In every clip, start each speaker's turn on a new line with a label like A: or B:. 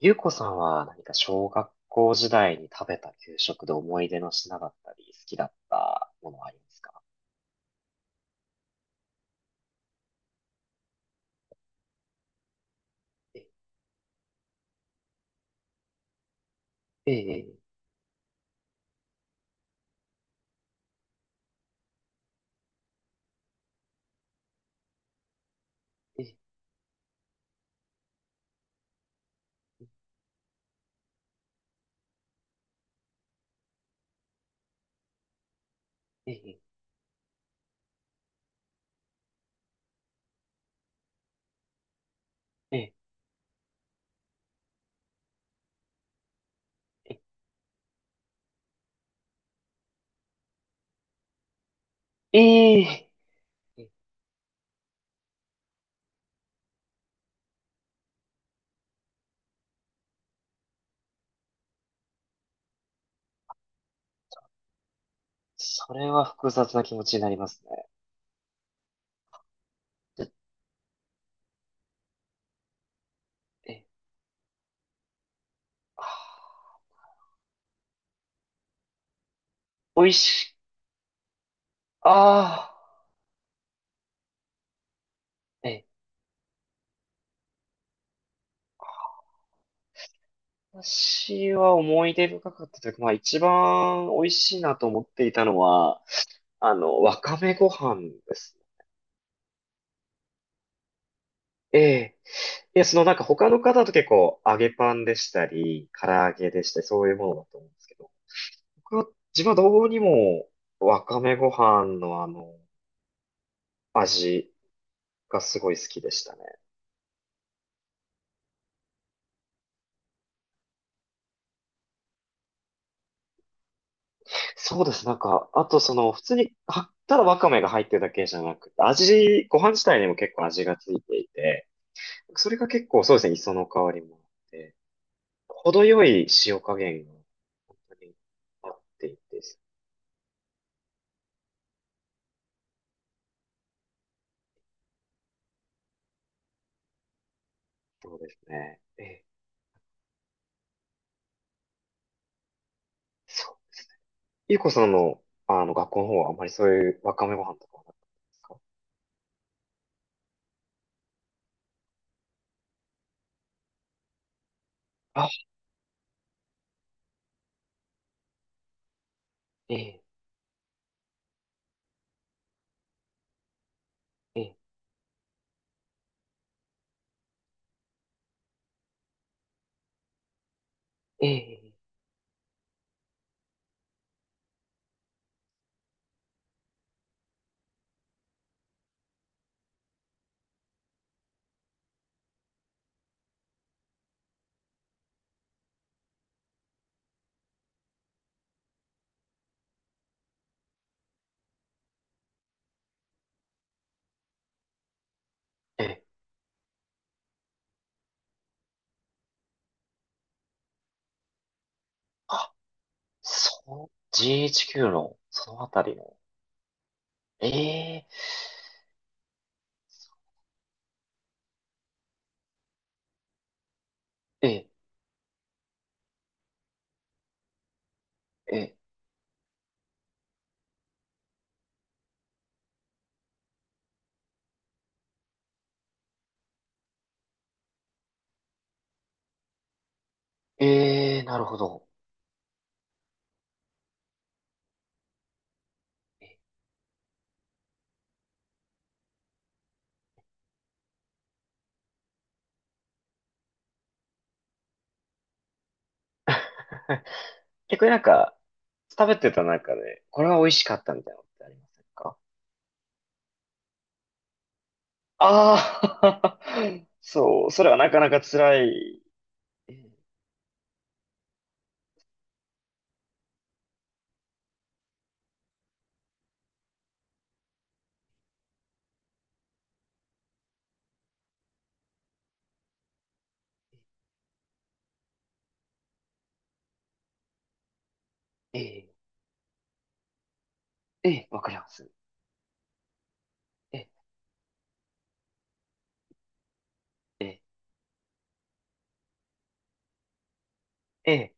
A: ゆうこさんは何か小学校時代に食べた給食で思い出の品だったり、好きだったものはありますか？ええ、ええ、ええ、ええ、ええ、ええ、えそれは複雑な気持ちになりますね。え、え、あー、美味し、ああ、え、私は思い出深かったというか、まあ一番美味しいなと思っていたのは、わかめご飯です。ええ。いや、そのなんか他の方と結構揚げパンでしたり、唐揚げでしたり、そういうものだと思うんですけど、僕は、自分はどうにもわかめご飯の味がすごい好きでしたね。そうです。あとその、普通に、ただわかめが入ってるだけじゃなくて、ご飯自体にも結構味がついていて、それが結構そうですね、磯の香りもあって、程よい塩加減が本当に合っていて、そうですね。ええ。そう、ゆうこさんの、学校の方はあんまりそういうわかめご飯とかはなかったですか？あ、ええ、ええ、ええ、ええ。あ、そう、GHQ の、そのあたりの、ええ、ええ、ええ、ええ、なるほど。逆になんか、食べてた中で、これは美味しかったみたいなのってありませんか？ああー、そう、それはなかなか辛い。ええ、ええ、ええ、わかります。ええ、ええ、ええ。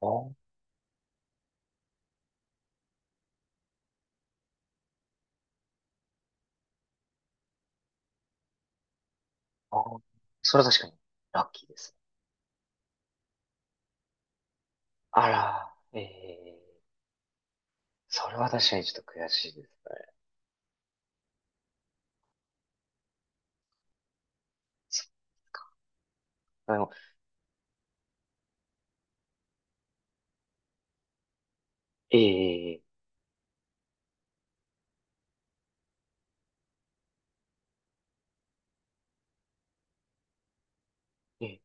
A: あー、あー、それは確かにラッキーですね。あら、ええ。それは確かにちょっと悔しいですね。そっか。でも、ええ、ええ、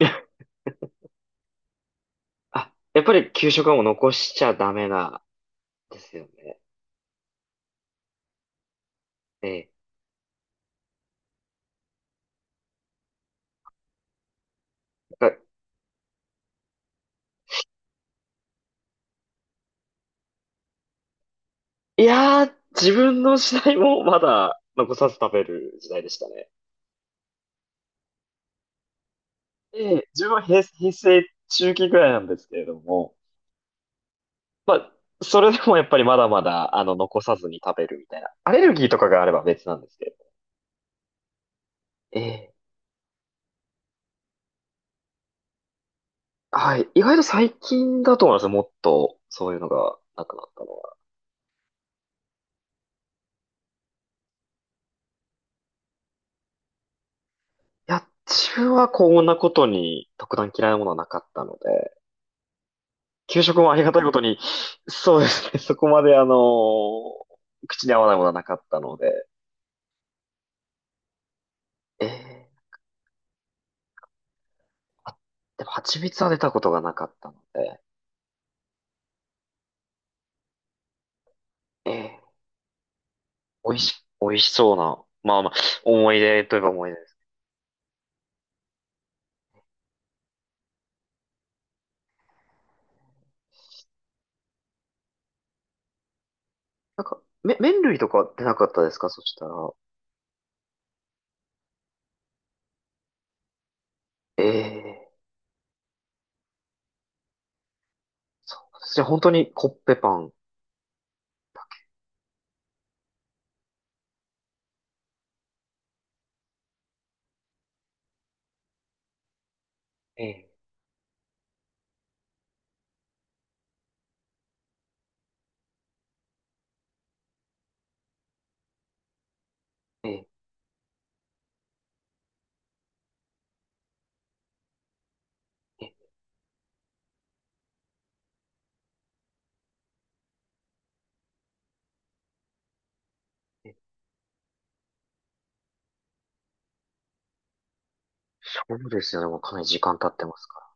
A: あ、やっぱり給食はもう残しちゃダメな、ですよね。ええ。なんかいやー、自分の時代もまだ残さず食べる時代でしたね。ええ。自分は平、平成中期ぐらいなんですけれども、まあ、それでもやっぱりまだまだ、残さずに食べるみたいな。アレルギーとかがあれば別なんですけど。ええ、はい。意外と最近だと思いますよ。もっと、そういうのがなくなったのは。いや、自分はこんなことに特段嫌いなものはなかったので、給食もありがたいことに、そうですね。そこまで口に合わないものはなかったので、ええ。あ、でも蜂蜜は出たことがなかったので、ええ。美味し、美味しそうな、まあまあ、思い出といえば思い出です。麺類とか出なかったですかそしたら？ええ。そうですね。本当にコッペパン。ええ、え、え、え、え。そうですよね。もうかなり時間経ってますか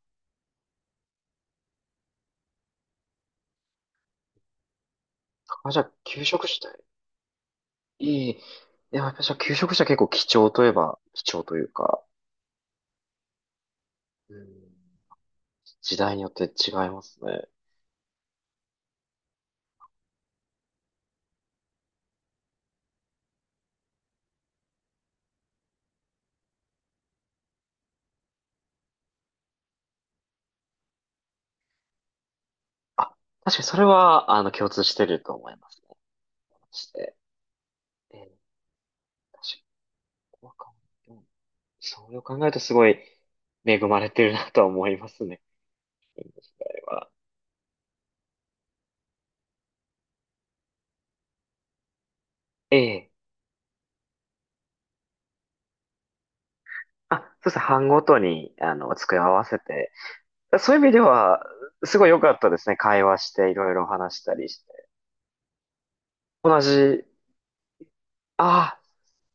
A: ら。あ、じゃあ、休職したい。いい。いや、やっぱじゃあ、休職した結構貴重といえば、貴重というか、うん、時代によって違いますね。あ、確かにそれは、共通してると思いますね。して、えー、私、ここは考えんそう考えるとすごい恵まれてるなとは思いますね、これは。ええ。あ、そうですね。班ごとに、机を合わせて。そういう意味では、すごい良かったですね。会話して、いろいろ話したり。同じ、ああ、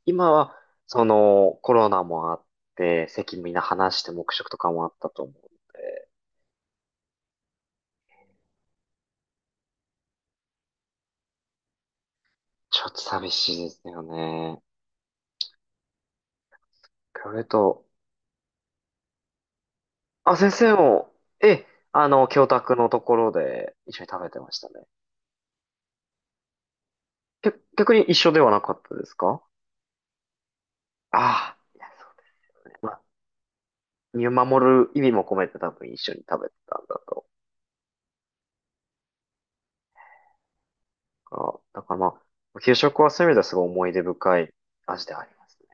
A: 今は、その、コロナもあって、席みんな離して黙食とかもあったと思うので、ちょっと寂しいですよね。これと、あ、先生も、え、教宅のところで一緒に食べてましたね。け逆に一緒ではなかったですか？ああ、いや、そうだね。まあ、見守る意味も込めて多分一緒に食べてたんだろうから、だからまあ、給食はそういう意味ではすごい思い出深い味ではありますね。